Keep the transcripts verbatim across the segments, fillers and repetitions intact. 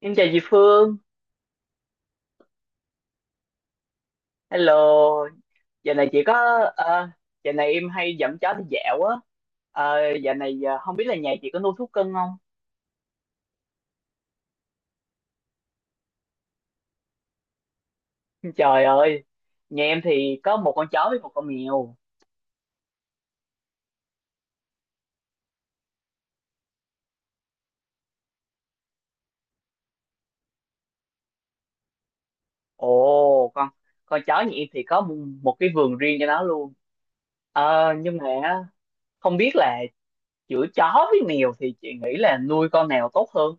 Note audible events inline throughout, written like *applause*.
Em chào chị Phương, hello. Giờ này chị có, ờ, giờ này em hay dẫn chó đi dạo á. Ờ, giờ này ờ, không biết là nhà chị có nuôi thú cưng không? *laughs* Trời ơi, nhà em thì có một con chó với một con mèo. Ồ, con con chó nhà em thì có một, một cái vườn riêng cho nó luôn. Ờ, nhưng mà không biết là giữa chó với mèo thì chị nghĩ là nuôi con nào tốt hơn?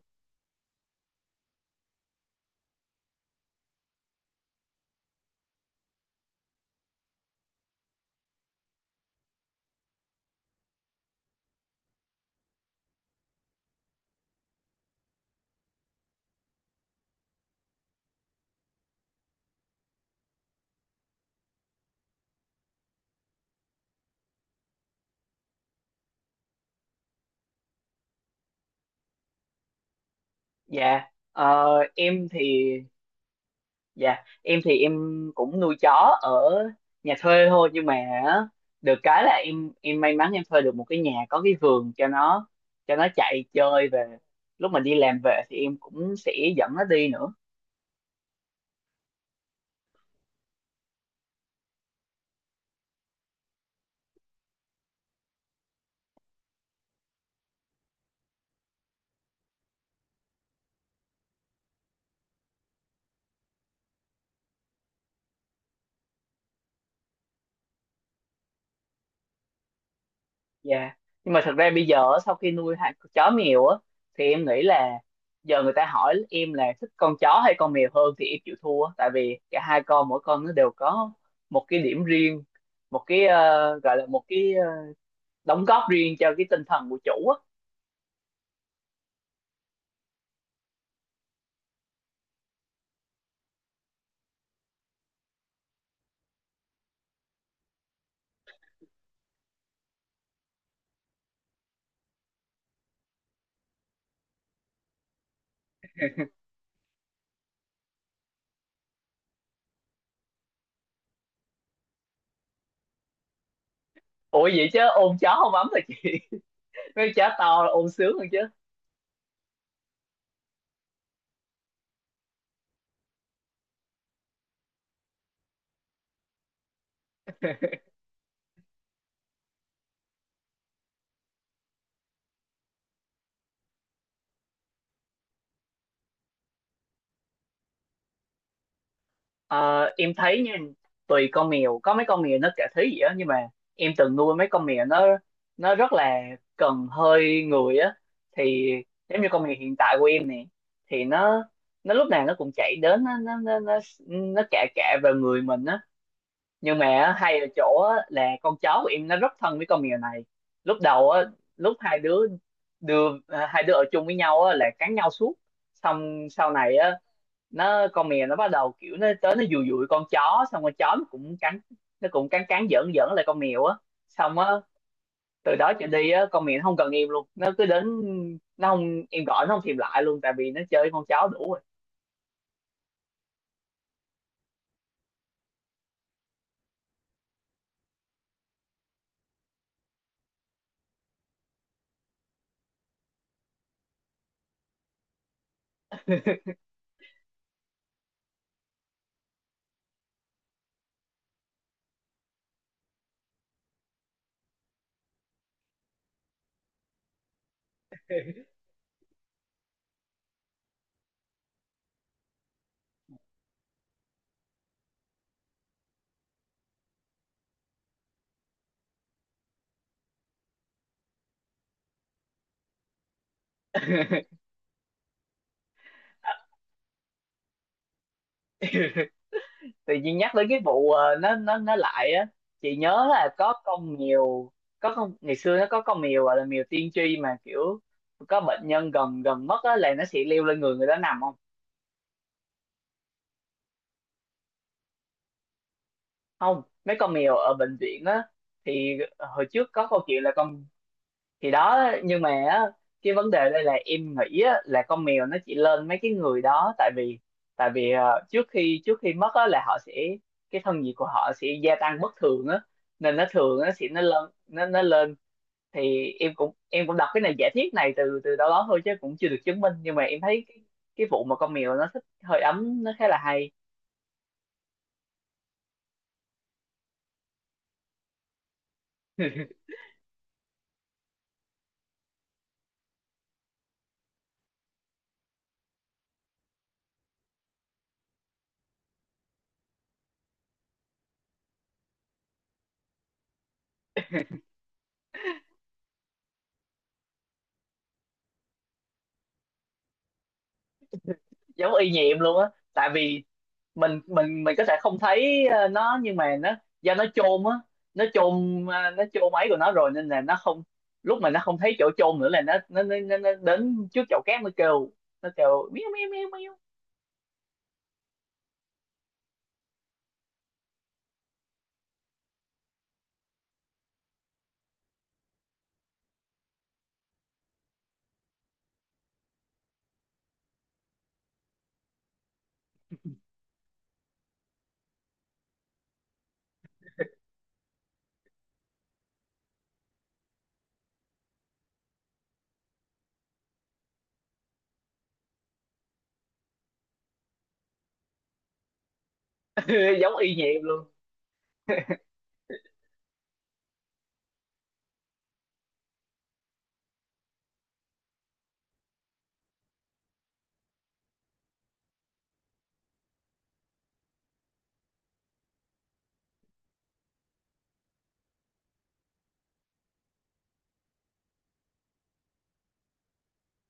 Dạ, ờ, em thì Dạ, em thì em cũng nuôi chó ở nhà thuê thôi nhưng mà á, được cái là em em may mắn em thuê được một cái nhà có cái vườn cho nó, cho nó chạy chơi về lúc mà đi làm về thì em cũng sẽ dẫn nó đi nữa. Dạ. Nhưng mà thật ra bây giờ á, sau khi nuôi hai con chó mèo á thì em nghĩ là giờ người ta hỏi em là thích con chó hay con mèo hơn thì em chịu thua tại vì cả hai con, mỗi con nó đều có một cái điểm riêng, một cái, ờ, gọi là một cái, ờ, đóng góp riêng cho cái tinh thần của chủ á. Ủa vậy chứ ôm chó không ấm hả chị? *laughs* Mấy con chó to là ôm sướng hơn chứ. Ờ, em thấy nha, tùy con mèo, có mấy con mèo nó cả thế gì á, nhưng mà em từng nuôi mấy con mèo nó nó rất là cần hơi người á. Thì giống như con mèo hiện tại của em nè, thì nó nó lúc nào nó cũng chạy đến nó nó nó nó, nó cạ cạ vào người mình á. Nhưng mà á, hay ở chỗ á, là con chó của em nó rất thân với con mèo này. Lúc đầu á lúc hai đứa, đưa à, hai đứa ở chung với nhau á là cắn nhau suốt. Xong sau này á nó con mèo nó bắt đầu kiểu nó tới nó dụi dụi con chó, xong con chó nó cũng cắn, nó cũng cắn cắn giỡn giỡn lại con mèo á. Xong á từ đó trở đi á con mèo nó không cần em luôn, nó cứ đến, nó không, em gọi nó không thèm lại luôn tại vì nó chơi với con chó đủ rồi. *laughs* Tự nhiên nhắc tới cái vụ ờ, nó nó nó lại á chị nhớ là có con mèo, có con ngày xưa nó có con mèo gọi là mèo tiên tri mà kiểu có bệnh nhân gần gần mất á là nó sẽ leo lên người người đó nằm không. Không, mấy con mèo ở bệnh viện á thì hồi trước có câu chuyện là con thì đó. Nhưng mà á, cái vấn đề đây là em nghĩ á, là con mèo nó chỉ lên mấy cái người đó tại vì tại vì ờ, trước khi trước khi mất á, là họ sẽ, cái thân nhiệt của họ sẽ gia tăng bất thường á, nên nó thường nó sẽ nó lên nó nó lên. Thì em cũng em cũng đọc cái này giả thiết này từ từ đâu đó thôi chứ cũng chưa được chứng minh, nhưng mà em thấy cái, cái vụ mà con mèo nó thích hơi ấm nó khá là hay. Giống y như em luôn á tại vì mình mình mình có thể không thấy ờ, nó, nhưng mà nó do nó chôn á, nó chôn ờ, nó chôn ấy của nó rồi nên là nó không, lúc mà nó không thấy chỗ chôn nữa là nó nó nó, nó, nó đến trước chậu cát nó kêu, nó kêu miêu miêu miêu miêu. *laughs* Giống y như em luôn.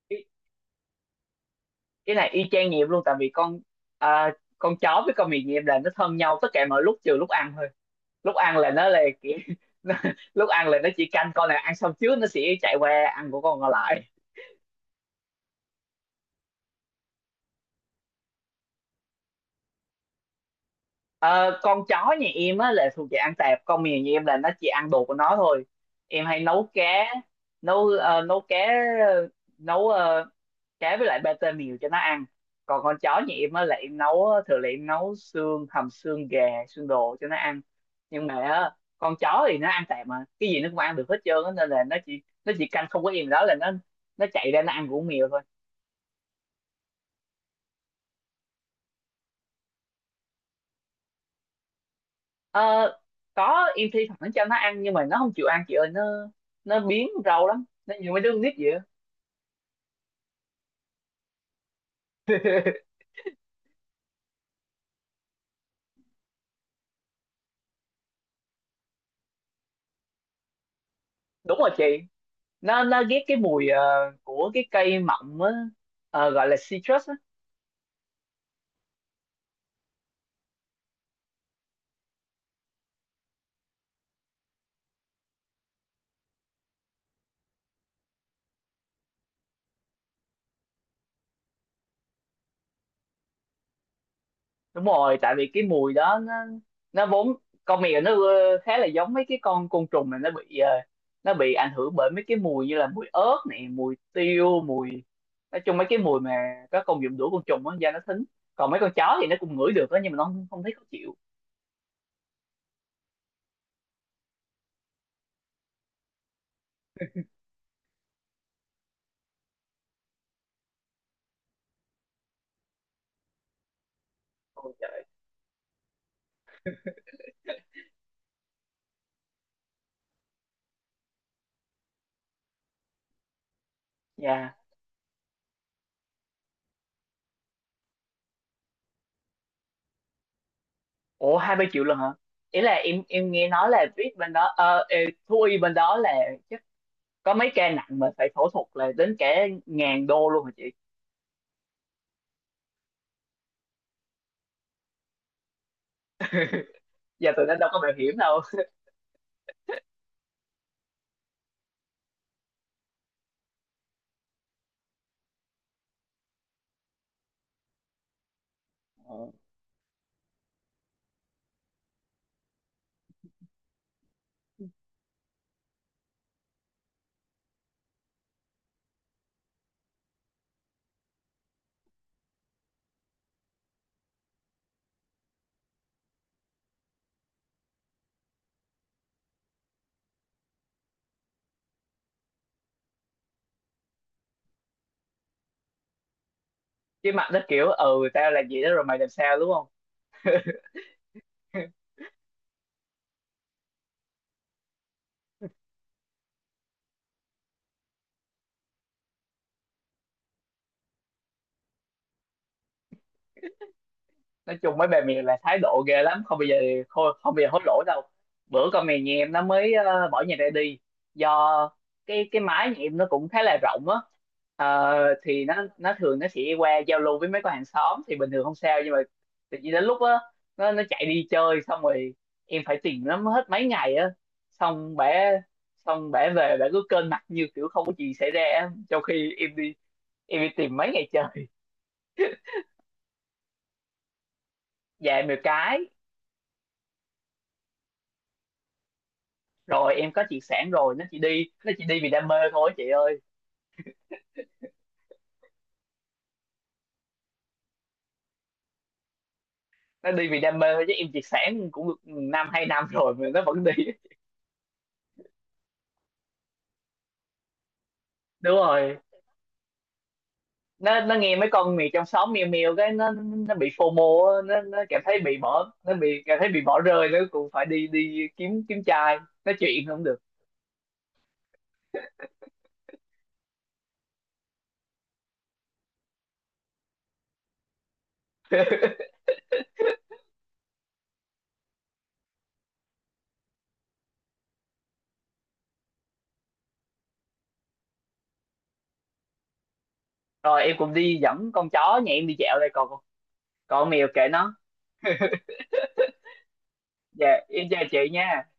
cái, cái này y chang như em luôn tại vì con, à, con chó với con mèo như em là nó thân nhau tất cả mọi lúc trừ lúc ăn thôi. Lúc ăn là nó là kiểu, *laughs* nó, lúc ăn là nó chỉ canh con này ăn xong trước nó sẽ chạy qua ăn của con còn lại. Ờ, con chó nhà em á là thuộc về ăn tạp, con mèo nhà em là nó chỉ ăn đồ của nó thôi. Em hay nấu cá, nấu ờ, nấu cá, ờ, nấu ờ, cá với lại pate mèo cho nó ăn. Còn con chó nhà em á là em nấu, thường là em nấu xương hầm xương gà xương đồ cho nó ăn. Nhưng mà á, con chó thì nó ăn tạp mà cái gì nó cũng ăn được hết trơn á, nên là nó chỉ nó chỉ canh không có em đó là nó nó chạy ra nó ăn của con mèo thôi. Ờ, có, em thi thoảng cho nó ăn nhưng mà nó không chịu ăn chị ơi, nó nó biếng rau lắm, nó như mấy đứa con nít vậy á. *laughs* Đúng rồi chị, nó nó ghét cái mùi ờ, của cái cây mọng á. Ờ, gọi là citrus á. Đúng rồi tại vì cái mùi đó nó nó vốn, con mèo nó ờ, khá là giống mấy cái con côn trùng mà nó bị ờ, nó bị ảnh hưởng bởi mấy cái mùi như là mùi ớt này, mùi tiêu, mùi, nói chung mấy cái mùi mà có công dụng đuổi côn trùng á da nó thính. Còn mấy con chó thì nó cũng ngửi được á nhưng mà nó không, không thấy khó chịu. Ôi trời. Dạ. Ủa hai mươi triệu lần hả? Ý là em em nghe nói là VIP bên đó ờ ê, thú y bên đó là chắc có mấy ca nặng mà phải phẫu thuật là đến cả ngàn đô luôn hả chị? *laughs* Giờ tụi nó đâu có bảo hiểm đâu. Ờ. Chứ mặt nó kiểu ừ tao làm gì đó rồi mày làm sao đúng không? Nói chung mấy bà mày là thái độ ghê lắm, không bao giờ, không, không bao giờ hối lỗi đâu. Bữa con mèo nhà em nó mới ờ, bỏ nhà ra đi do cái cái mái nhà em nó cũng khá là rộng á. Ờ, thì nó nó thường nó sẽ qua giao lưu với mấy con hàng xóm thì bình thường không sao nhưng mà tự nhiên đến lúc á nó nó chạy đi chơi, xong rồi em phải tìm nó hết mấy ngày á, xong bả xong bả về bả cứ kênh mặt như kiểu không có gì xảy ra á, trong khi em đi em đi tìm mấy ngày trời. Dạ mèo cái. Rồi em có triệt sản rồi, nó chỉ đi nó chỉ đi vì đam mê thôi chị ơi. Nó đi vì đam mê thôi chứ em triệt sản cũng được năm hai năm rồi mà nó vẫn đi. Đúng rồi, nó nó nghe mấy con mèo trong xóm meo meo cái nó nó bị FOMO á, nó nó cảm thấy bị bỏ, nó bị cảm thấy bị bỏ rơi, nó cũng phải đi, đi kiếm kiếm trai nói chuyện không được. Rồi em cũng đi dẫn con chó nhà em đi dạo đây, còn, còn con mèo kệ nó. Dạ em chào chị nha.